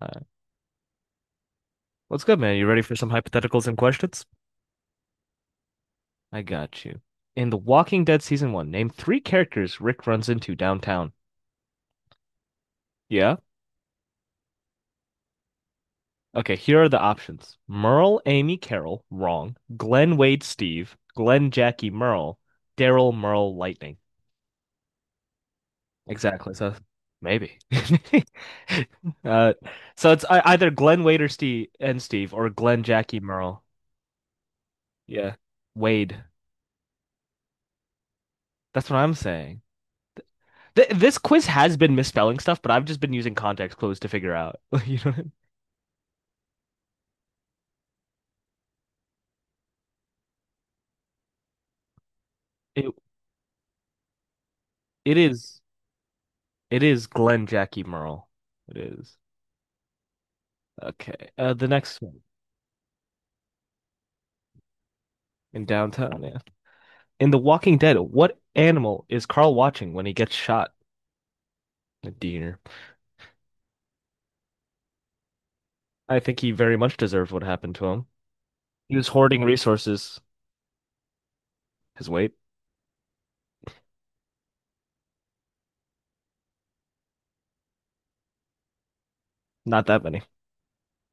All right. What's good, man? You ready for some hypotheticals and questions? I got you. In The Walking Dead Season 1, name three characters Rick runs into downtown. Yeah? Okay, here are the options. Merle, Amy, Carol, wrong. Glenn, Wade, Steve, Glenn, Jackie, Merle, Daryl, Merle, Lightning. Exactly. So maybe. Uh, so it's either Glenn, Wade, or Steve, and Steve, or Glenn, Jackie, Merle. Yeah. Wade. That's what I'm saying. This quiz has been misspelling stuff, but I've just been using context clues to figure out. You know what I mean? It it is it is Glenn, Jackie, Merle. It is. Okay. The next one in downtown. Yeah. In The Walking Dead, what animal is Carl watching when he gets shot? A deer. I think he very much deserved what happened to him. He was hoarding resources. His weight, not that many.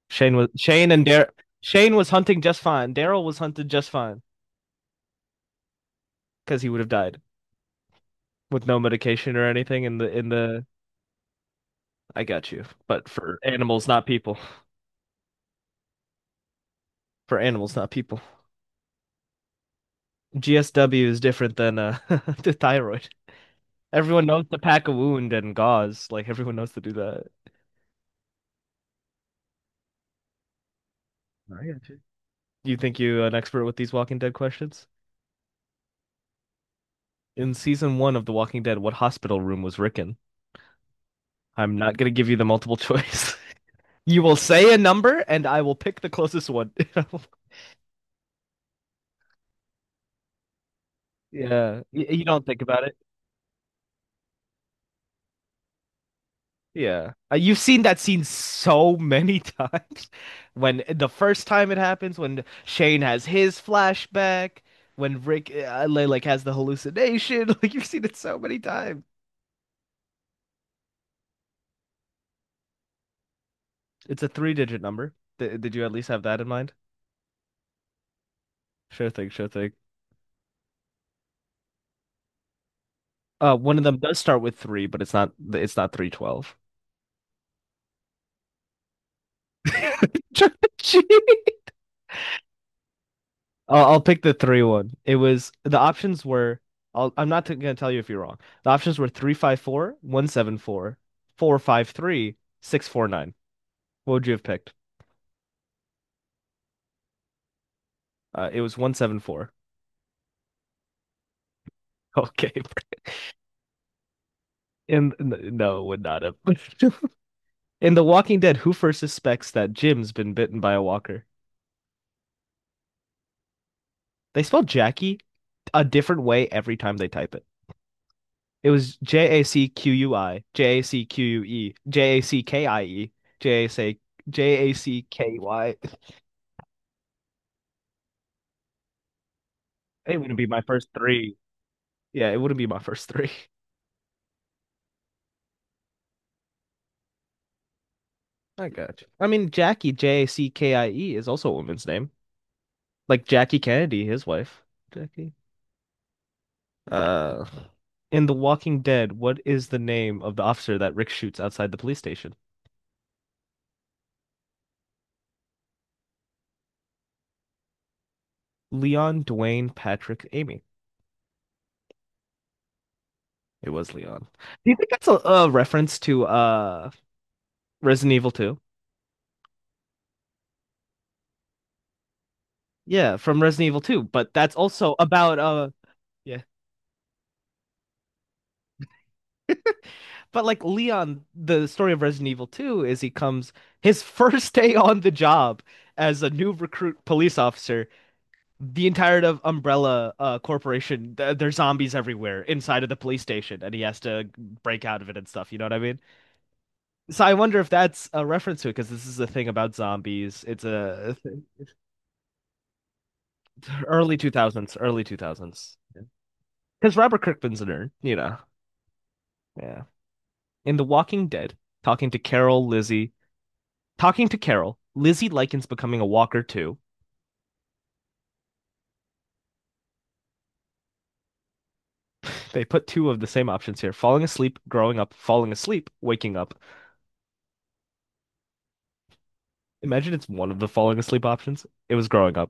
Shane was Shane and Dar Shane was hunting just fine. Daryl was hunted just fine because he would have died with no medication or anything in the. I got you. But for animals, not people. For animals, not people. GSW is different than the thyroid. Everyone knows to pack a wound and gauze. Like everyone knows to do that. I got you. You think you are an expert with these Walking Dead questions? In season 1 of The Walking Dead, what hospital room was Rick in? I'm not gonna give you the multiple choice. You will say a number, and I will pick the closest one. Yeah, you don't think about it. Yeah. You've seen that scene so many times. When the first time it happens, when Shane has his flashback, when Rick like has the hallucination, like you've seen it so many times. It's a three-digit number. D Did you at least have that in mind? Sure thing, sure thing. One of them does start with three, but it's not 312. I'll pick the three one. It was the options were I'm not gonna tell you if you're wrong. The options were 354, 174, 453, 649. What would you have picked? It was 174. Okay, and no, would not have. In The Walking Dead, who first suspects that Jim's been bitten by a walker? They spell Jackie a different way every time they type it. It was Jacqui, Jacque, Jackie, J A C J A C K Y. It wouldn't be my first three. Yeah, it wouldn't be my first three. I got you. I mean, Jackie, J A C K I E, is also a woman's name. Like Jackie Kennedy, his wife. Jackie. Uh, in The Walking Dead, what is the name of the officer that Rick shoots outside the police station? Leon, Dwayne, Patrick, Amy. It was Leon. Do you think that's a reference to Resident Evil 2? Yeah, from Resident Evil 2, but that's also about yeah. But like Leon, the story of Resident Evil 2 is he comes his first day on the job as a new recruit police officer. The entirety of Umbrella Corporation, th there's zombies everywhere inside of the police station, and he has to break out of it and stuff. You know what I mean? So I wonder if that's a reference to it because this is a thing about zombies. It's a Early 2000s, early 2000s. Because Robert Kirkman's a nerd, you know. Yeah. In The Walking Dead, talking to Carol, Lizzie, talking to Carol, Lizzie likens becoming a walker to. They put two of the same options here: falling asleep, growing up, falling asleep, waking up. Imagine it's one of the falling asleep options. It was growing up.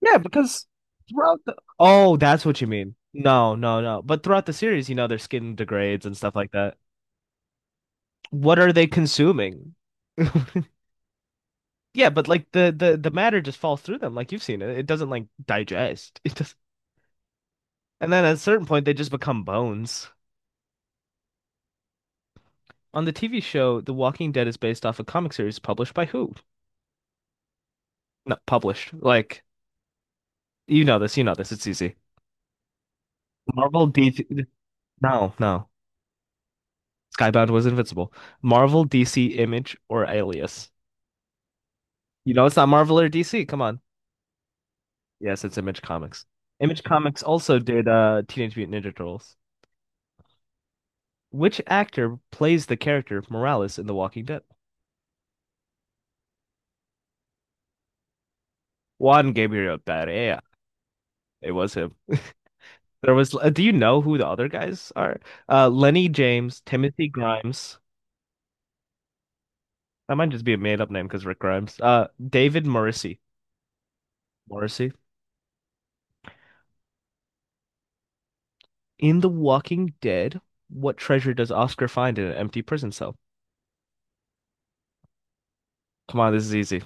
Yeah, because throughout the. Oh, that's what you mean. No, no, no. But throughout the series, you know, their skin degrades and stuff like that. What are they consuming? Yeah, but like the matter just falls through them, like you've seen it. It doesn't like digest. It just And then at a certain point they just become bones. On the TV show, The Walking Dead is based off a comic series published by who? Not published. Like, you know this, it's easy. Marvel, DC. No, no. Skybound was invincible. Marvel, DC, Image, or Alias. You know it's not Marvel or DC. Come on. Yes, it's Image Comics. Image Comics also did Teenage Mutant Ninja Turtles. Which actor plays the character Morales in The Walking Dead? Juan Gabriel Pereira. It was him. There was. Do you know who the other guys are? Lenny James, Timothy Grimes. That might just be a made-up name because Rick Grimes. David Morrissey. Morrissey. In The Walking Dead, what treasure does Oscar find in an empty prison cell? Come on, this is easy.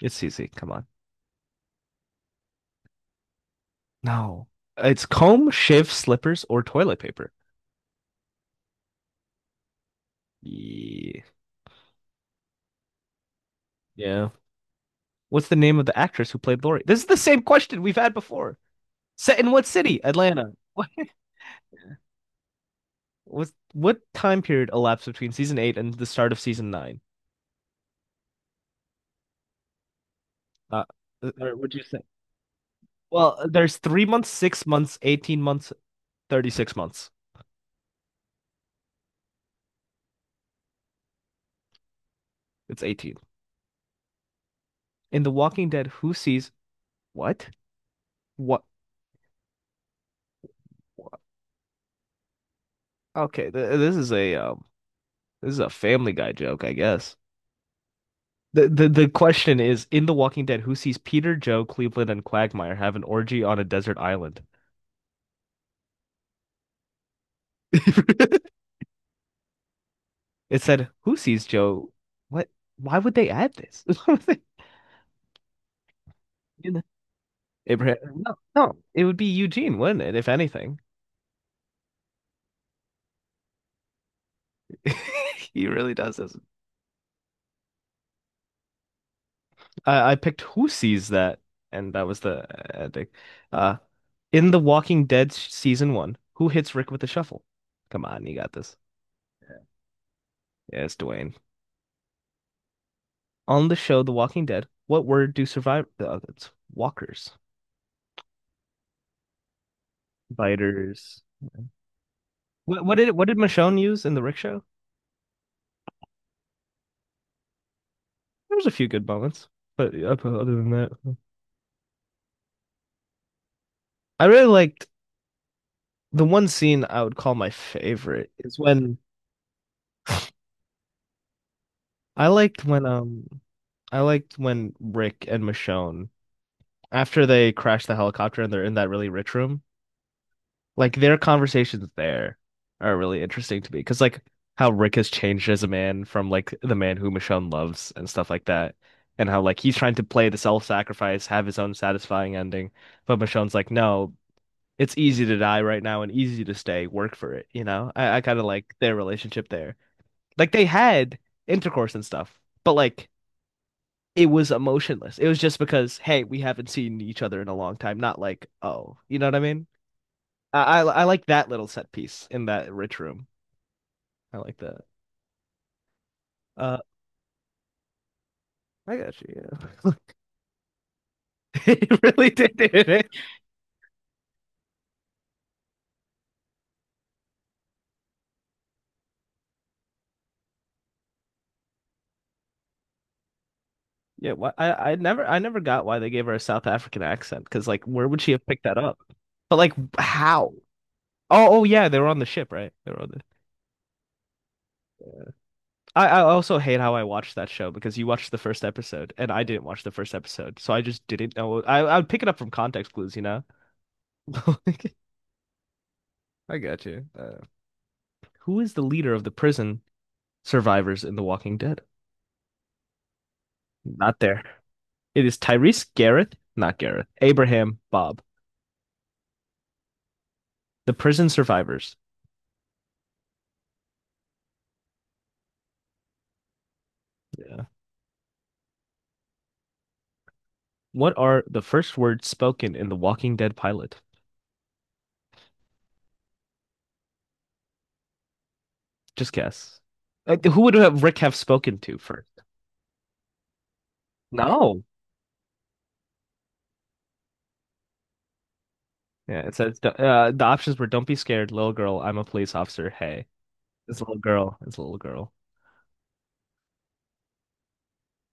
It's easy. Come on. No. It's comb, shave, slippers, or toilet paper. Ye- Yeah. What's the name of the actress who played Lori? This is the same question we've had before. Set in what city? Atlanta. What? What, time period elapsed between season 8 and the start of season 9? Uh, what do you say? Well, there's 3 months, 6 months, 18 months, 36 months. It's 18. In The Walking Dead, who sees what? What? What? Okay, th this is a Family Guy joke, I guess. The question is, in The Walking Dead, who sees Peter, Joe, Cleveland, and Quagmire have an orgy on a desert island? It said, who sees Joe? What? Why would they add this? Why would they- You know, Abraham, no, no, it would be Eugene, wouldn't it? If anything, he really does this. I picked Who Sees That, and that was the ending. Uh, in The Walking Dead season 1, who hits Rick with the shovel? Come on, you got this. Yeah, it's Dwayne. On the show The Walking Dead, what word do survive? Oh, it's walkers, biters. What did Michonne use in the Rick show? There was a few good moments, but other than that, no. I really liked the one scene I would call my favorite is when I liked when I liked when Rick and Michonne after they crash the helicopter and they're in that really rich room, like their conversations there are really interesting to me because like how Rick has changed as a man from like the man who Michonne loves and stuff like that, and how like he's trying to play the self-sacrifice, have his own satisfying ending, but Michonne's like, no, it's easy to die right now and easy to stay, work for it, you know? I kind of like their relationship there. Like they had intercourse and stuff, but like it was emotionless. It was just because, hey, we haven't seen each other in a long time. Not like, oh, you know what I mean? I like that little set piece in that rich room. I like that. Uh, I got you. Yeah, it really did it? Yeah, why, I never got why they gave her a South African accent because like where would she have picked that up? But like how? Oh yeah, they were on the ship, right? They were on the. I also hate how I watched that show because you watched the first episode and I didn't watch the first episode, so I just didn't know. I would pick it up from context clues, you know. I got you. Who is the leader of the prison survivors in The Walking Dead? Not there. It is Tyrese Garrett, not Gareth, Abraham Bob, the prison survivors. Yeah. What are the first words spoken in The Walking Dead pilot? Just guess. Who would have Rick have spoken to first? No. Yeah, it says the options were "Don't be scared, little girl. I'm a police officer. Hey, it's a little girl. It's a little girl."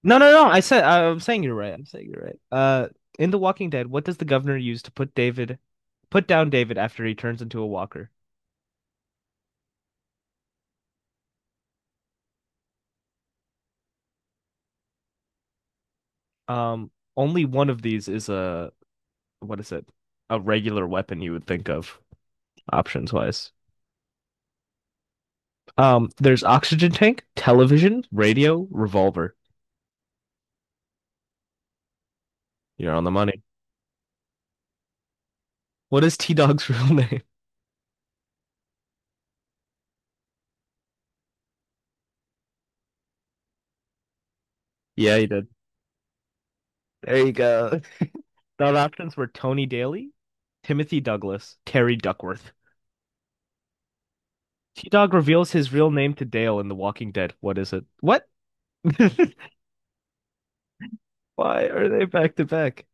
No, no, no. I said I'm saying you're right. I'm saying you're right. In The Walking Dead, what does the governor use to put down David after he turns into a walker? Um, only one of these is a what is it? A regular weapon you would think of options wise. There's oxygen tank, television, radio, revolver. You're on the money. What is T-Dog's real name? Yeah, you did. There you go. The options were Tony Daly, Timothy Douglas, Terry Duckworth. T Dog reveals his real name to Dale in The Walking Dead. What is it? What? Why are they back to back?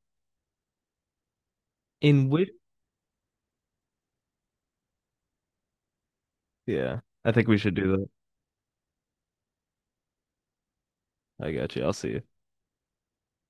In which? Yeah, I think we should do that. I got you. I'll see you.